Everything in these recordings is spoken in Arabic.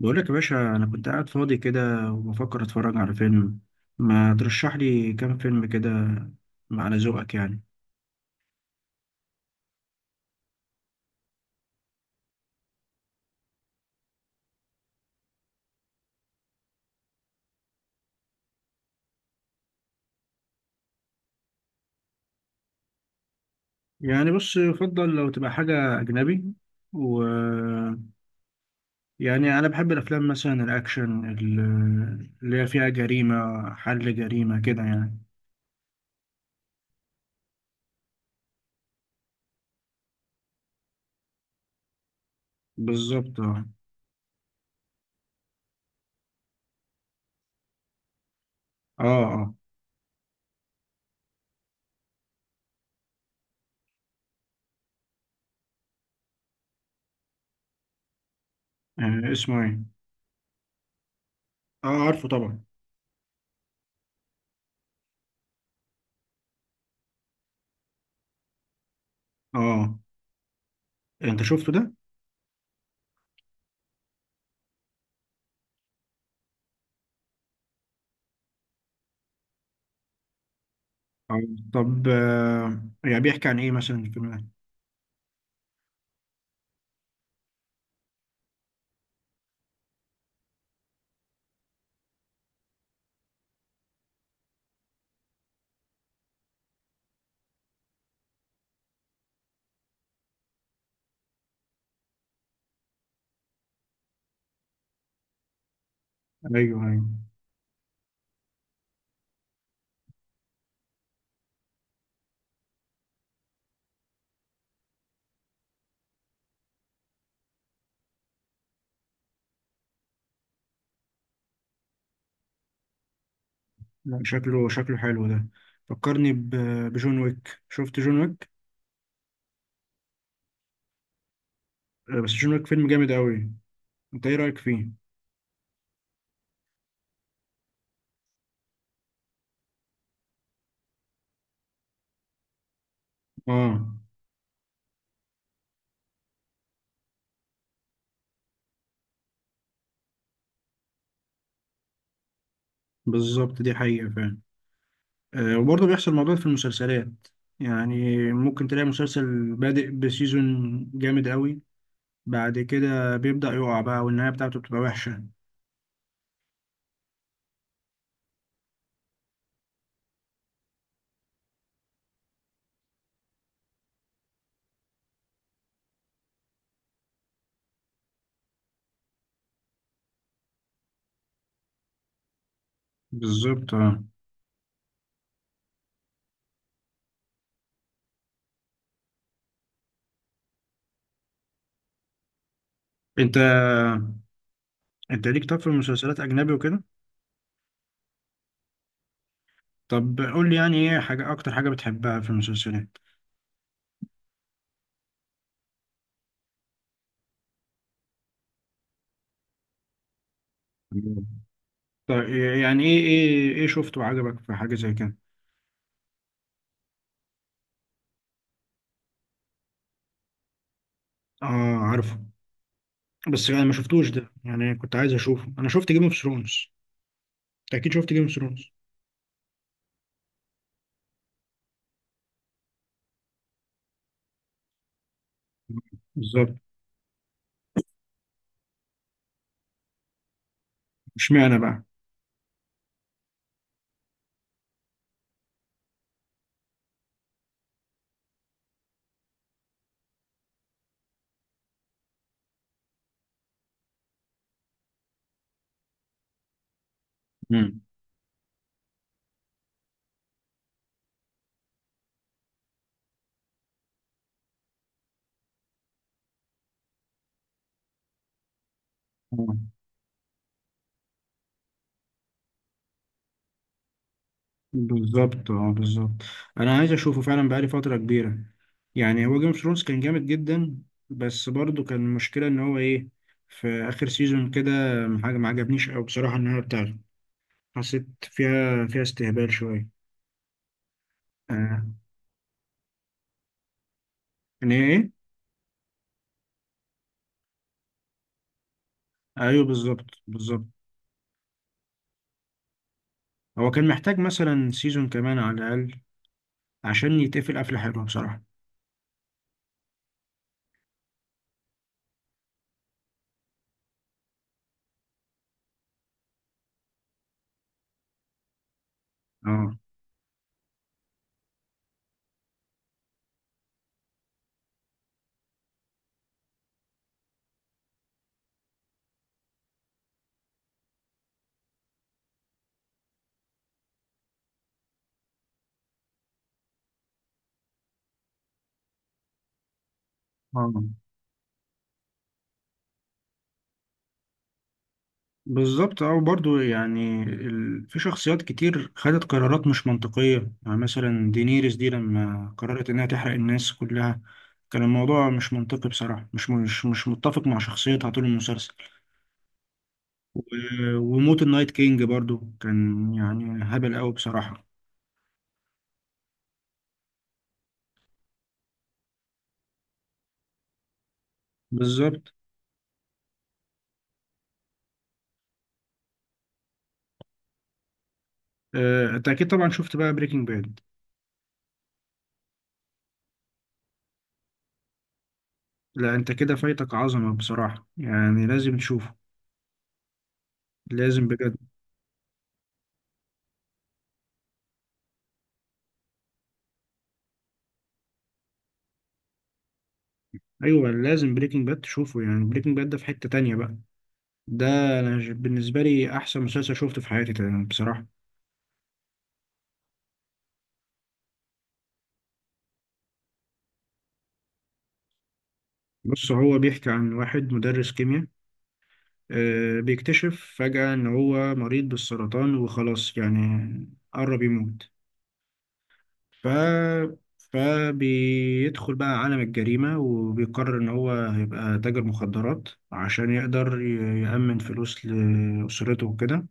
بقول لك يا باشا، انا كنت قاعد فاضي كده وبفكر اتفرج على فيلم. ما ترشح لي كام فيلم كده على ذوقك يعني. يعني بص، يفضل لو تبقى حاجة أجنبي و يعني أنا بحب الأفلام مثلا الأكشن اللي هي فيها جريمة، حل جريمة كده يعني. بالظبط، اه، اه، آه. اسمه ايه؟ اه، عارفه طبعا. اه، انت شفته ده؟ اه، طب يعني بيحكي عن ايه مثلا الفيلم ده؟ ايوه، ايوه، لا، شكله حلو ده. فكرني بجون ويك. شفت جون ويك؟ بس جون ويك فيلم جامد قوي. انت ايه رأيك فيه؟ اه، بالظبط، دي حقيقة فعلا. وبرضه بيحصل الموضوع ده في المسلسلات. يعني ممكن تلاقي مسلسل بادئ بسيزون جامد قوي، بعد كده بيبدأ يقع بقى والنهاية بتاعته بتبقى وحشة. بالظبط، اه. انت انت ليك طب في المسلسلات اجنبي وكده؟ طب قول لي، يعني ايه حاجة، اكتر حاجة بتحبها في المسلسلات؟ طيب، يعني ايه شفته عجبك في حاجة زي كده؟ اه، عارفه. بس انا ما شفتوش ده، يعني كنت عايز اشوفه. انا شفت جيم اوف ثرونز. اكيد شفت جيم اوف ثرونز. بالظبط. اشمعنى بقى؟ امم. آه، بالظبط، اه، بالظبط. انا عايز اشوفه فعلا، بقالي فترة كبيرة. يعني هو جيم اوف ثرونز كان جامد جدا. بس برضه كان المشكلة ان هو ايه، في اخر سيزون كده حاجة ما عجبنيش قوي بصراحة. النهاية بتاعته حسيت فيها استهبال شوية. آه. ان هي ايه. ايوه، بالظبط، بالظبط. هو كان محتاج مثلا سيزون كمان على الأقل عشان يتقفل قفلة حلوة بصراحة. اه، اه، بالظبط، اه. برضه يعني في شخصيات كتير خدت قرارات مش منطقية. يعني مثلا دينيريس دي لما قررت إنها تحرق الناس كلها، كان الموضوع مش منطقي بصراحة. مش متفق مع شخصيتها طول المسلسل. وموت النايت كينج برضه كان يعني هبل أوي بصراحة. بالظبط. أنت أكيد طبعا شفت بقى بريكنج باد؟ لا، انت كده فايتك عظمة بصراحة، يعني لازم تشوفه. لازم بجد. ايوه، لازم بريكنج باد تشوفه، يعني بريكنج باد ده في حتة تانية بقى. ده انا بالنسبة لي احسن مسلسل شوفته في حياتي تقريبا بصراحة. بص هو بيحكي عن واحد مدرس كيمياء، بيكتشف فجأة ان هو مريض بالسرطان وخلاص يعني قرب يموت. ف فبيدخل بقى عالم الجريمة وبيقرر إن هو هيبقى تاجر مخدرات عشان يقدر يأمن فلوس لأسرته وكده.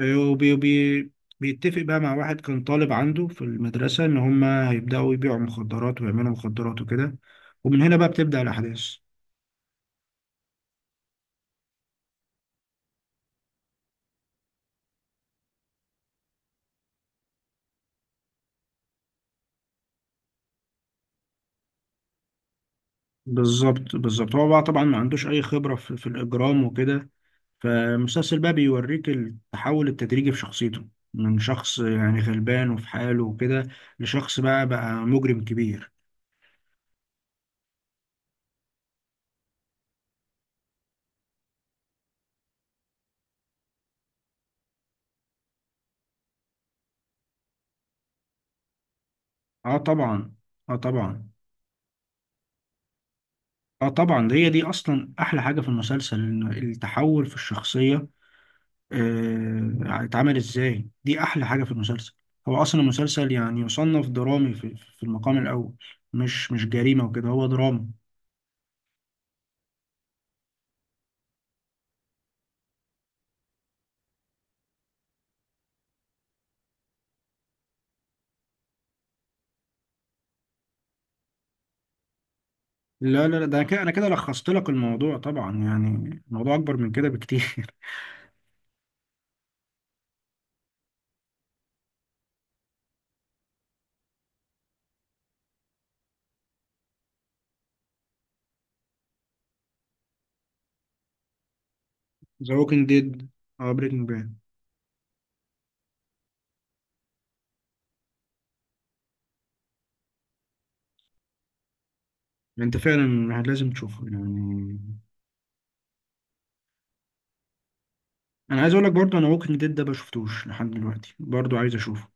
وبي بي بيتفق بقى مع واحد كان طالب عنده في المدرسة إن هما هيبدأوا يبيعوا مخدرات ويعملوا مخدرات وكده. ومن هنا بقى بتبدأ الأحداث. بالظبط، بالظبط. هو بقى طبعا ما عندوش أي خبرة في الإجرام وكده. فالمسلسل بقى بيوريك التحول التدريجي في شخصيته، من شخص يعني غلبان وفي حاله وكده، لشخص بقى مجرم كبير. اه، طبعا. اه، طبعا. اه، طبعا. ده هي دي اصلا احلى حاجه في المسلسل، إن التحول في الشخصيه اتعمل ازاي. دي احلى حاجه في المسلسل. هو اصلا المسلسل يعني يصنف درامي في المقام الاول. مش جريمه وكده، هو دراما. لا، لا، لا، ده كده انا كده لخصت لك الموضوع طبعا، يعني الموضوع اكبر من كده بكتير. ذا ووكينج ديد. اه، بريكنج باد. انت فعلا لازم تشوفه يعني. انا عايز اقول لك برضه، انا ووكينج ديد ده ما شفتوش لحد دلوقتي، برضه عايز اشوفه.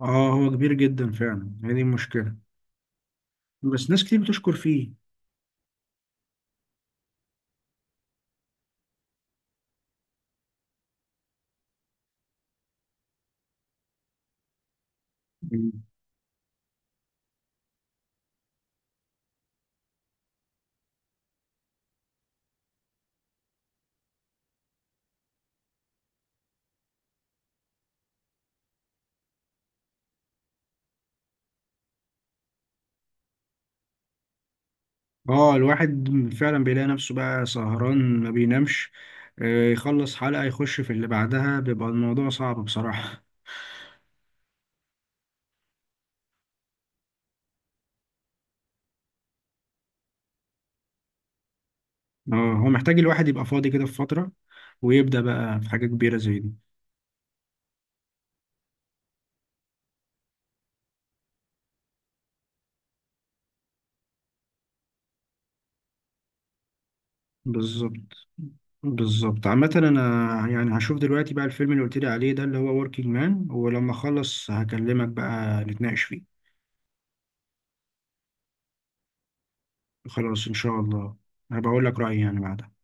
اه، هو كبير جدا فعلا، هي دي المشكله. بس ناس كتير بتشكر فيه. اه، الواحد فعلا بيلاقي نفسه بقى سهران، ما بينامش. يخلص حلقة يخش في اللي بعدها بيبقى الموضوع صعب بصراحة. اه، هو محتاج الواحد يبقى فاضي كده في فترة، ويبدأ بقى في حاجة كبيرة زي دي. بالظبط، بالظبط. عامة أنا، يعني هشوف دلوقتي بقى الفيلم اللي قلت لي عليه ده، اللي هو وركينج مان، ولما أخلص هكلمك بقى نتناقش فيه. خلاص، إن شاء الله هبقى أقول لك رأيي يعني بعدها.